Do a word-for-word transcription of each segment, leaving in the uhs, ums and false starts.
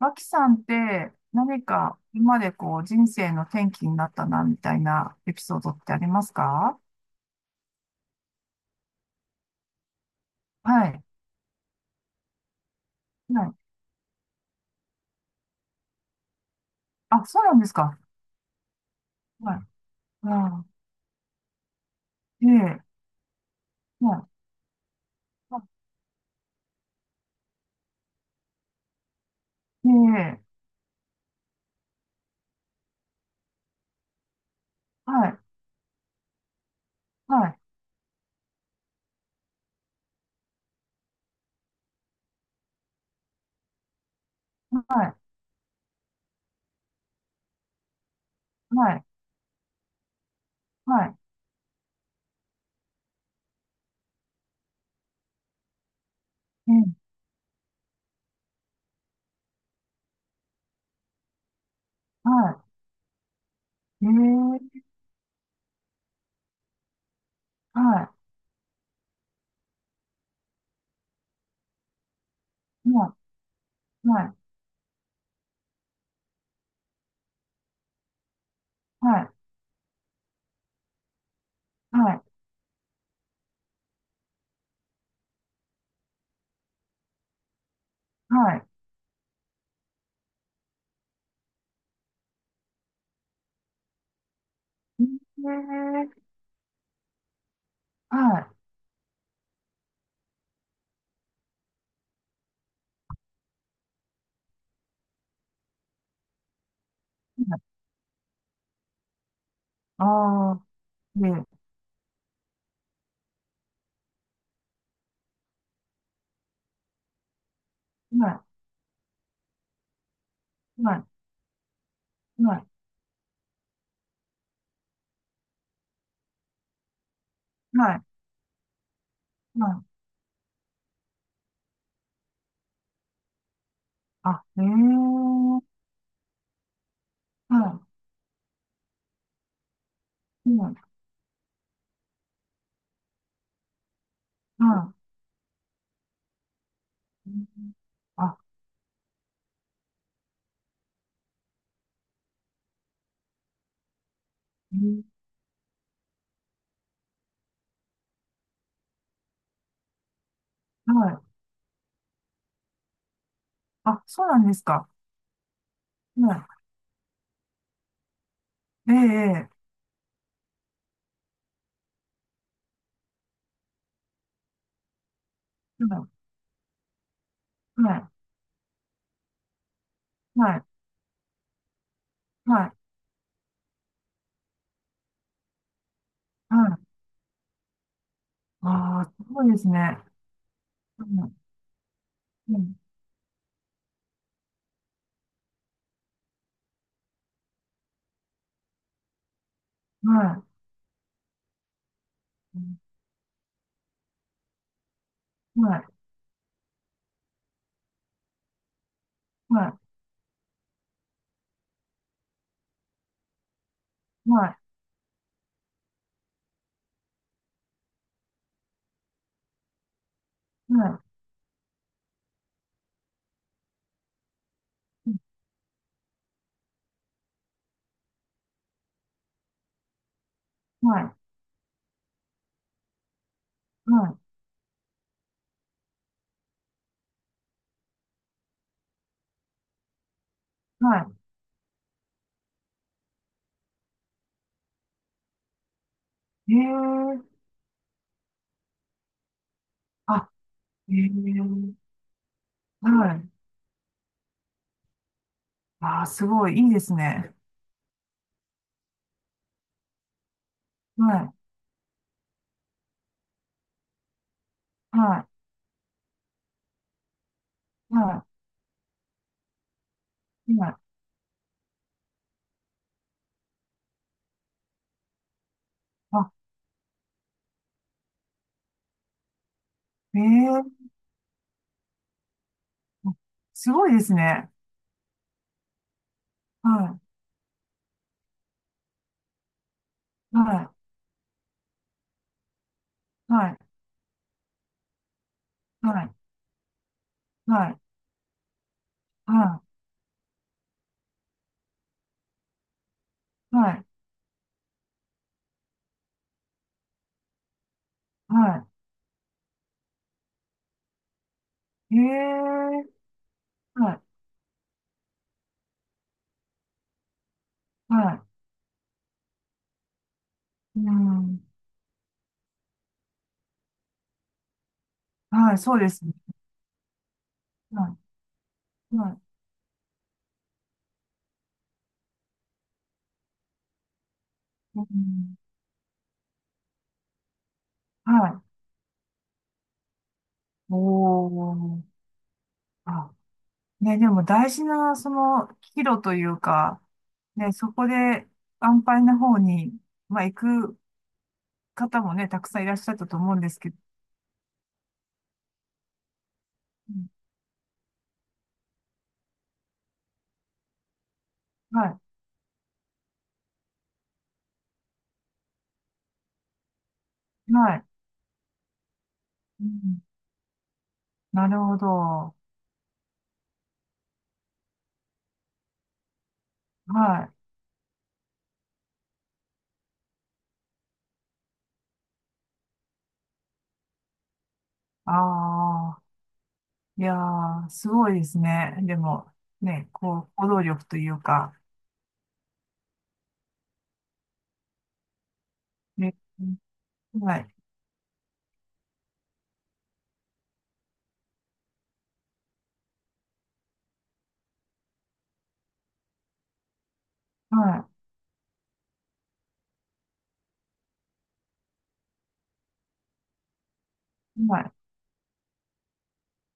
脇さんって何か今までこう人生の転機になったなみたいなエピソードってありますか？はい。はい。あ、そうなんですか。はい。あー、ええ、はい。ええ、はい。はい。はい。はい。はい。ええ、はい。ええ、はい。はい。はい。はい。はい。はい。ええ、はい。ああ、ええ、はい。はい。はい。はい。あ、ええ、はい。うん、はい。うん。あ、うん。はい。あ、そうなんですか。はい。ええ、ええ。はい、はい、はい、はい。はい。ああ、すごいですね。うん、うん、はい、うん。はい、はい、はい、はい、うん。はい、はい、はい。ええ、あ、ええ、はい。ああ、すごい、いいですね。はい、はい、はい、はい。あ、ええ、すごいですね。はい、はい、はい、はい。はい、はい、はい、はい。へえ、はい、はい。うん、はい、そうですね。はい、はい、うん、はい。おー。あ、ね、でも大事な、その、岐路というか、ね、そこで安泰な方に、まあ、行く方もね、たくさんいらっしゃったと思うんですけど、うん。はい、はい。うん、なるほど。はい。ああ。いやー、すごいですね。でも、ね、こう、行動力というか、ね、はい、はい、はい、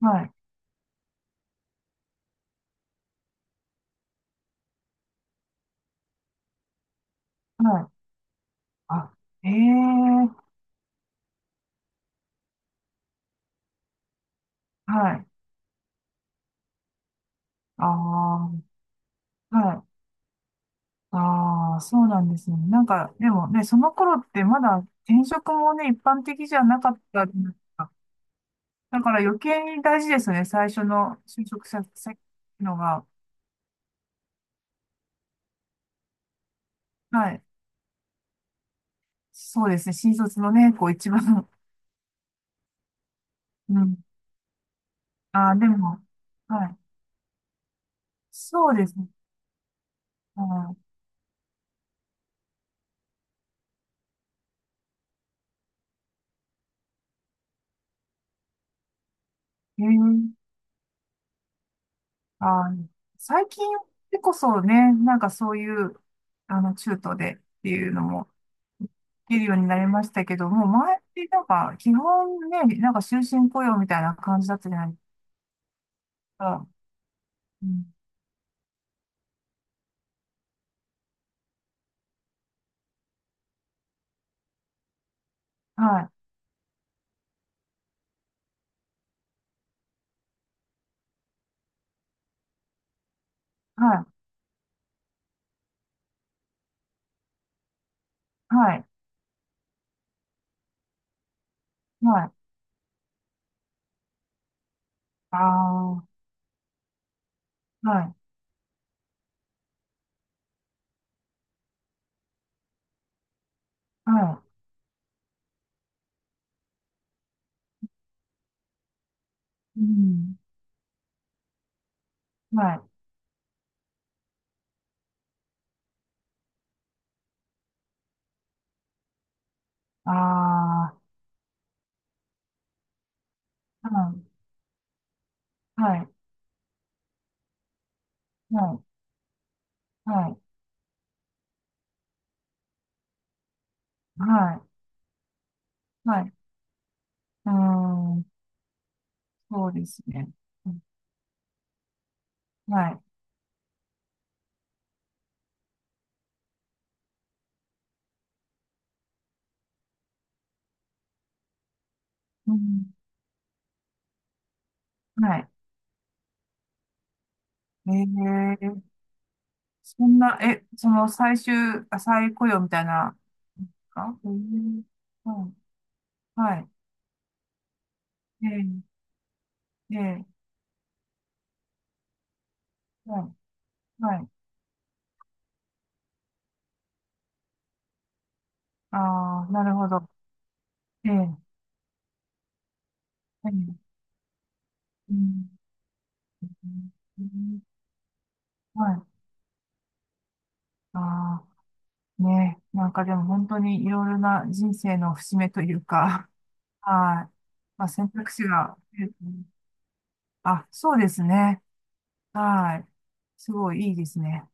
はい、はい、あ、ええ。はい、ああ、はい、ああ、そうなんですね。なんか、でもね、その頃ってまだ転職もね、一般的じゃなかったじゃないですか。だから余計に大事ですよね、最初の就職先のが。はい、そうですね、新卒のね、こう一番、うん、ああ、でも、はい。そうですね。はい。えー、あー、最近でこそね、なんかそういう、あの、中東でっていうのも、いるようになりましたけども、前ってなんか、基本ね、なんか終身雇用みたいな感じだったじゃないですか。うん、はい、はい、はい、はい、ああ、はい、はい、うん、はい、ああ、はい、はい、はい、はい、はい、はい、うーん、そうですね。はい。うん、はい。えー、そんな、え、その最終、あ、再雇用みたいな、かえー、はい、はい。えー、えー、はい、はい。ああ、なるほど。えー、えー、うん、うん。はい。ああ、ね、なんかでも本当にいろいろな人生の節目というか、はい。まあ選択肢が、えー、あ、そうですね。はい。すごいいいですね。